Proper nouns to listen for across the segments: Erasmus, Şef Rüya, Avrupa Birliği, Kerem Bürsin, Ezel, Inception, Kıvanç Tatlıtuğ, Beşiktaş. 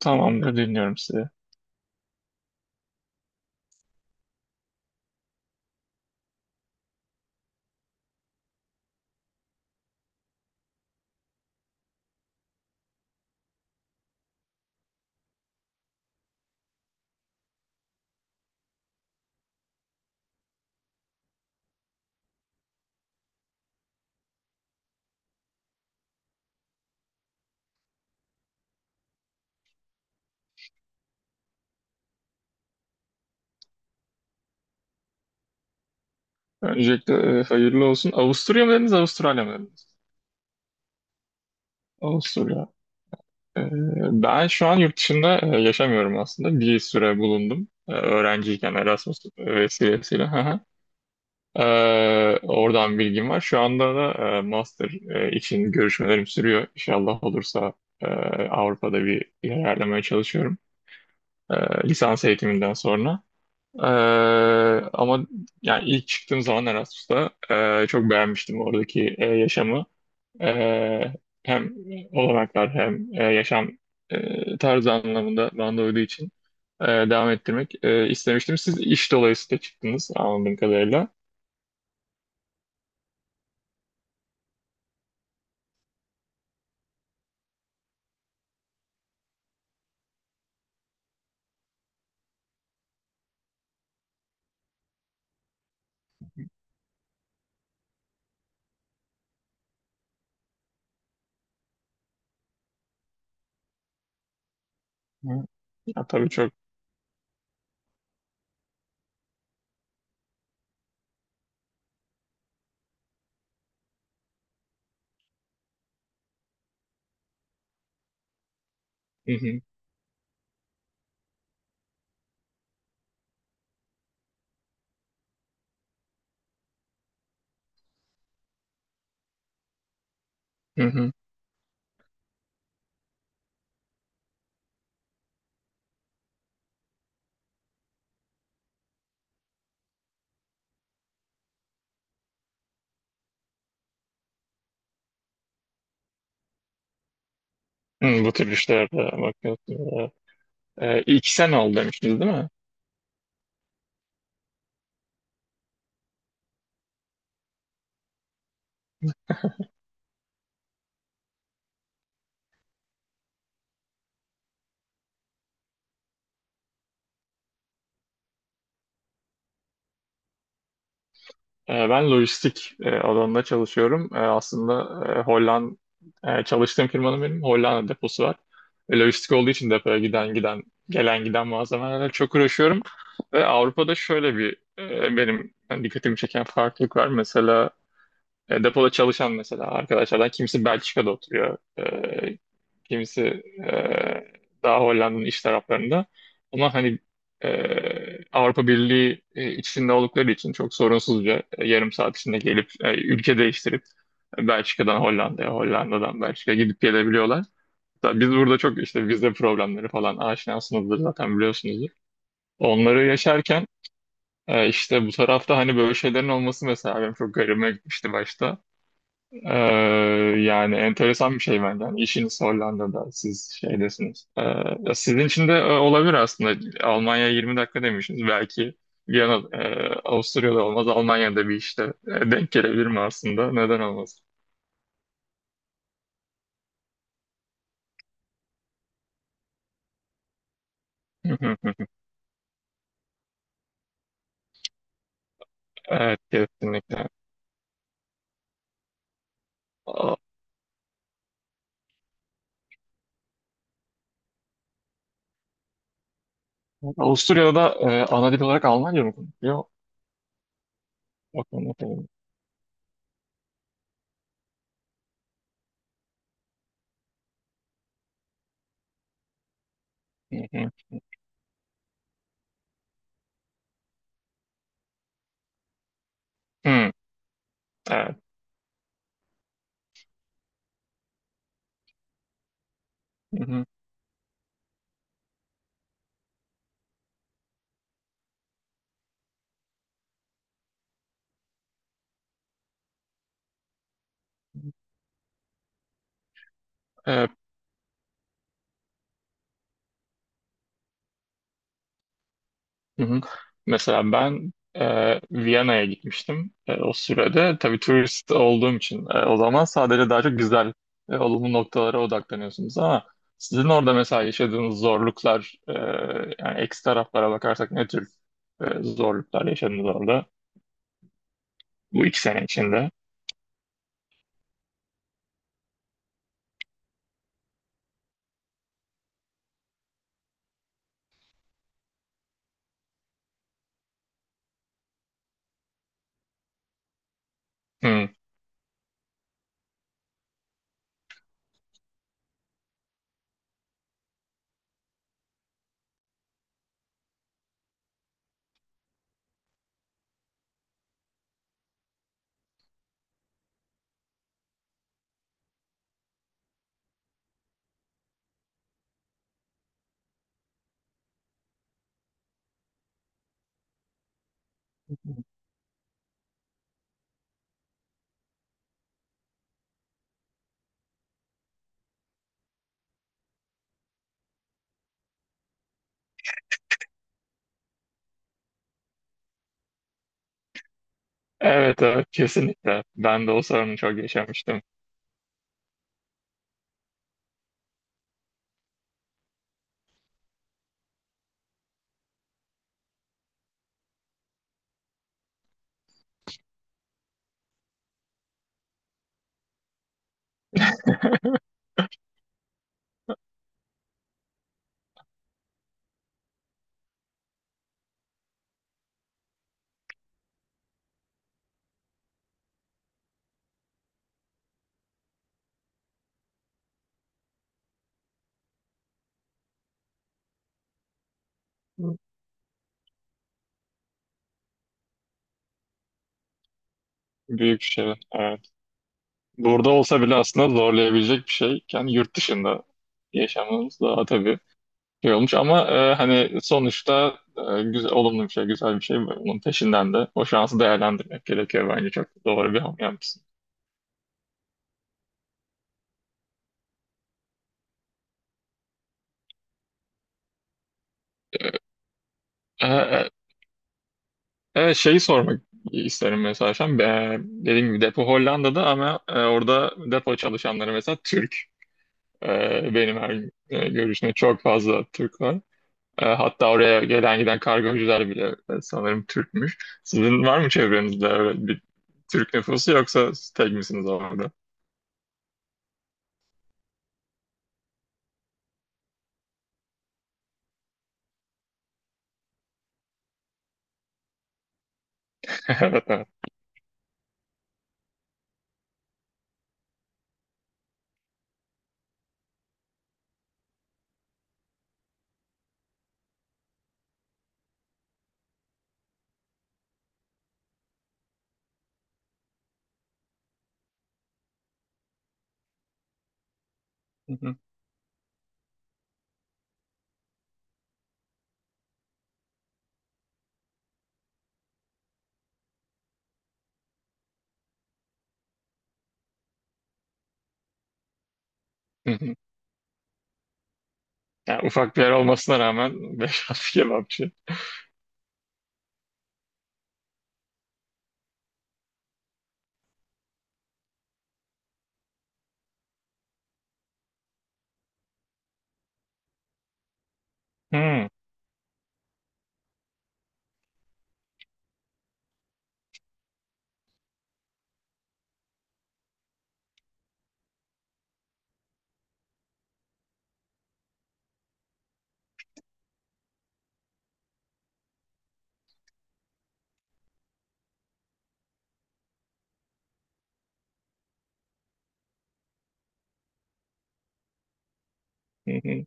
Tamamdır, dinliyorum sizi. Öncelikle hayırlı olsun. Avusturya mı dediniz, Avustralya mı dediniz? Avusturya. E, Ben şu an yurt dışında yaşamıyorum aslında. Bir süre bulundum. Öğrenciyken Erasmus vesilesiyle. Hı hı. Oradan bilgim var. Şu anda da master için görüşmelerim sürüyor. İnşallah olursa e, Avrupa'da bir yer ayarlamaya çalışıyorum. E, Lisans eğitiminden sonra. Ee, Ama yani ilk çıktığım zaman Erasmus'ta çok beğenmiştim oradaki yaşamı. Ee, Hem olanaklar hem yaşam tarzı anlamında bana da uyduğu için devam ettirmek istemiştim. Siz iş dolayısıyla çıktınız anladığım kadarıyla. Hı. Ya, tabii çok, hı hı, hı hı. Hı, bu tür işlerde bakıyorsunuz. İlk sen ol demiştiniz değil mi? Ben lojistik alanında çalışıyorum. Aslında e, Holland çalıştığım firmanın benim Hollanda deposu var. Lojistik olduğu için depoya giden gelen giden malzemelerle çok uğraşıyorum. Ve Avrupa'da şöyle bir benim yani dikkatimi çeken farklılık var. Mesela depoda çalışan mesela arkadaşlardan kimisi Belçika'da oturuyor. Kimisi e, daha Hollanda'nın iç taraflarında. Ama hani e, Avrupa Birliği içinde oldukları için çok sorunsuzca yarım saat içinde gelip ülke değiştirip Belçika'dan Hollanda'ya, Hollanda'dan Belçika'ya gidip gelebiliyorlar. Hatta biz burada çok işte vize problemleri falan aşinasınızdır zaten biliyorsunuzdur. Onları yaşarken işte bu tarafta hani böyle şeylerin olması mesela benim çok garibime gitmişti başta. Ee, Yani enteresan bir şey bence. Yani işiniz Hollanda'da, siz şeydesiniz. Ya sizin için de olabilir aslında. Almanya 20 dakika demişsiniz. Belki Viyana, Avusturya'da olmaz, Almanya'da bir işte denk gelebilir mi aslında? Neden olmaz? Evet, kesinlikle. A- Avusturya'da da ana dil olarak Almanca mı konuşuyor? Bakalım bakalım. Hı hı. Hı, evet. Hı hı. Hı hı. Mesela ben Viyana'ya gitmiştim. O sürede tabii turist olduğum için o zaman sadece daha çok güzel olumlu noktalara odaklanıyorsunuz ama sizin orada mesela yaşadığınız zorluklar yani eksi taraflara bakarsak ne tür zorluklar yaşadınız orada bu 2 sene içinde? Hı. Evet, evet kesinlikle. Ben de o sorunu çok yaşamıştım. Büyük şey. Evet. Burada olsa bile aslında zorlayabilecek bir şey. Yani yurt dışında yaşamamız daha tabii şey olmuş ama hani sonuçta güzel, olumlu bir şey, güzel bir şey. Bunun peşinden de o şansı değerlendirmek gerekiyor bence. Çok doğru bir hamle yapmışsın. E, e, evet, şeyi sormak isterim mesela. Şu an. Dediğim gibi depo Hollanda'da ama orada depo çalışanları mesela Türk. Benim her görüşümde çok fazla Türk var. Hatta oraya gelen giden kargocular bile sanırım Türkmüş. Sizin var mı çevrenizde öyle bir Türk nüfusu, yoksa siz tek misiniz orada? Evet, evet. Hı hı, hı hı. Yani ufak bir yer olmasına rağmen beş altı kebapçı. Hı, hı hı.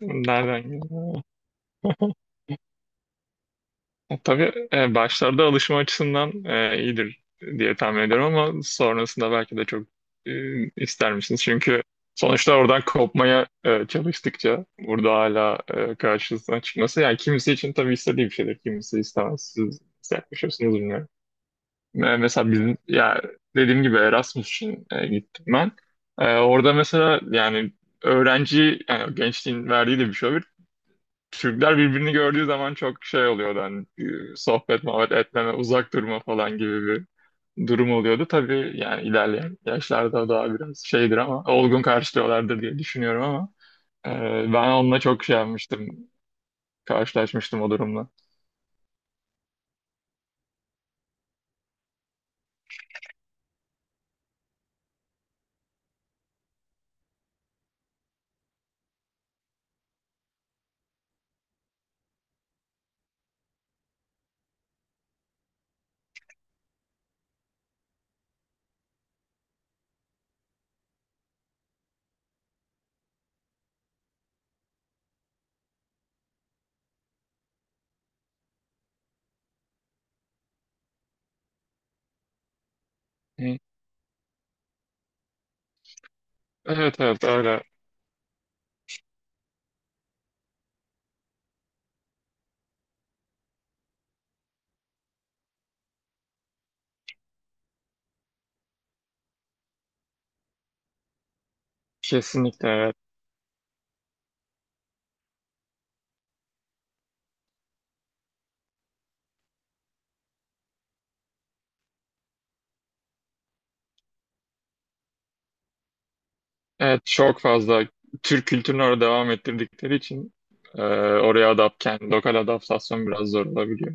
Nereden geliyor? O tabii başlarda alışma açısından iyidir diye tahmin ediyorum ama sonrasında belki de çok ister misiniz? Çünkü sonuçta oradan kopmaya çalıştıkça burada hala karşısına çıkması yani kimisi için tabii istediği bir şeydir. Kimisi istemez. Siz nasıl yaklaşıyorsunuz bilmiyorum. Mesela bizim ya dediğim gibi Erasmus için gittim ben. Orada mesela yani öğrenci yani gençliğin verdiği de bir şey olur. Türkler birbirini gördüğü zaman çok şey oluyordu hani sohbet muhabbet etmeme, uzak durma falan gibi bir durum oluyordu. Tabii yani ilerleyen yaşlarda daha biraz şeydir ama olgun karşılıyorlardır diye düşünüyorum ama ben onunla çok şey yapmıştım, karşılaşmıştım o durumla. Hı. Evet, evet öyle, kesinlikle, evet. Evet, çok fazla Türk kültürünü orada devam ettirdikleri için kendi lokal adaptasyon biraz zor olabiliyor.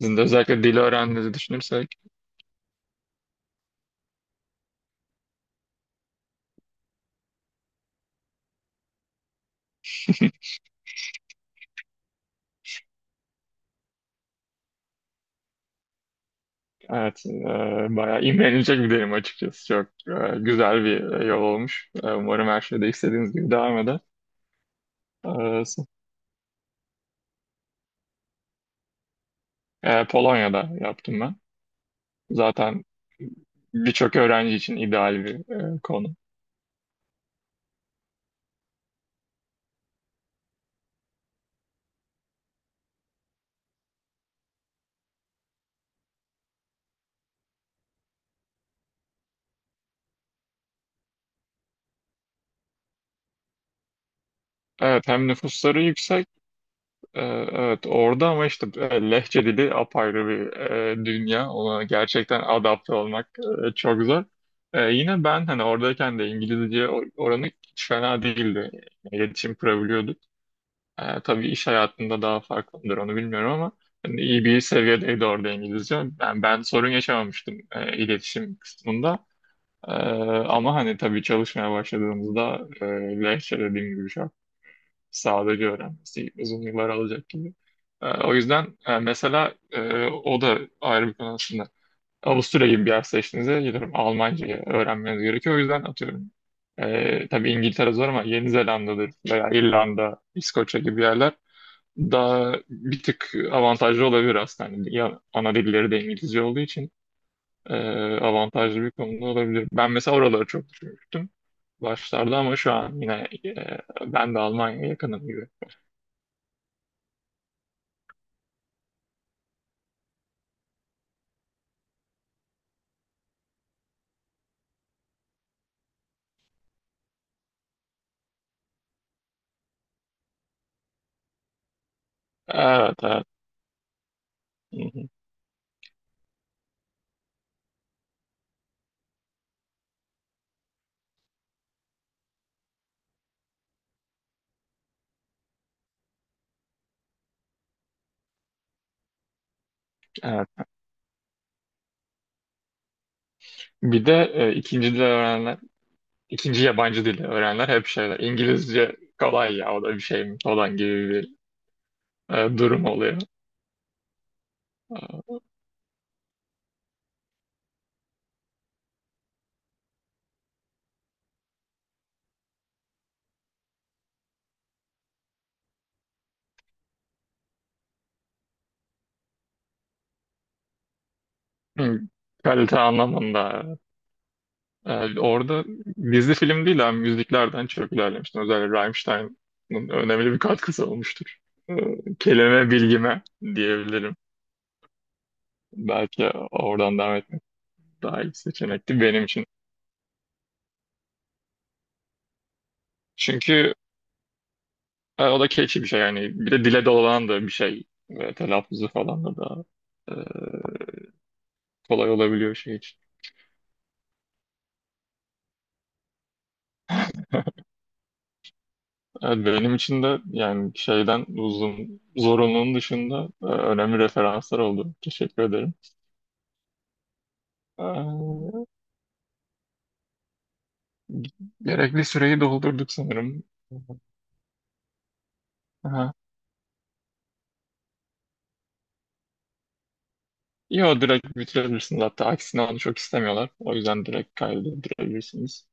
Sizin de özellikle dili öğrendiğinizi düşünürsek. Evet, bayağı imrenilecek bir derim açıkçası. Çok güzel bir yol olmuş. Umarım her şey de istediğiniz gibi devam eder. Polonya'da yaptım ben. Zaten birçok öğrenci için ideal bir konu. Evet, hem nüfusları yüksek, e, evet orada, ama işte lehçe dili apayrı bir dünya. Ona gerçekten adapte olmak çok zor. Yine ben hani oradayken de İngilizce oranı hiç fena değildi. Yani İletişim kurabiliyorduk. Tabii iş hayatında daha farklıdır, onu bilmiyorum, ama hani iyi bir seviyedeydi orada İngilizce. Ben sorun yaşamamıştım iletişim kısmında. Ama hani tabii çalışmaya başladığımızda lehçe, dediğim gibi, şu an sadece öğrenmesi uzun yıllar alacak gibi. O yüzden mesela o da ayrı bir konu aslında. Avusturya gibi bir yer seçtiğinizde gidiyorum Almanca'yı öğrenmeniz gerekiyor. O yüzden atıyorum. Tabii İngiltere zor ama Yeni Zelanda'dır veya İrlanda, İskoçya gibi yerler daha bir tık avantajlı olabilir aslında. Hani ya ana dilleri de İngilizce olduğu için e, avantajlı bir konuda olabilir. Ben mesela oraları çok düşünmüştüm başlarda ama şu an yine ben de Almanya'ya yakınım gibi. Evet, evet. Hı hı, evet. Bir de ikinci yabancı dil öğrenenler hep şeyler. İngilizce kolay ya, o da bir şey mi falan gibi bir durum oluyor. Hı, kalite anlamında. Orada dizi film değil ama müziklerden çok ilerlemiştim. Özellikle Rammstein'ın önemli bir katkısı olmuştur. Ee, Kelime bilgime diyebilirim. Belki oradan devam etmek daha iyi seçenekti benim için. Çünkü o da keyifli bir şey yani. Bir de dile dolanan da bir şey. Ve telaffuzu falan da daha e, kolay olabiliyor şey için. Evet, benim için de yani şeyden uzun zorunluluğun dışında önemli referanslar oldu. Teşekkür ederim. Ee, Gerekli süreyi doldurduk sanırım. Aha. Yo, direkt bitirebilirsiniz. Hatta aksine onu çok istemiyorlar. O yüzden direkt kaydedebilirsiniz.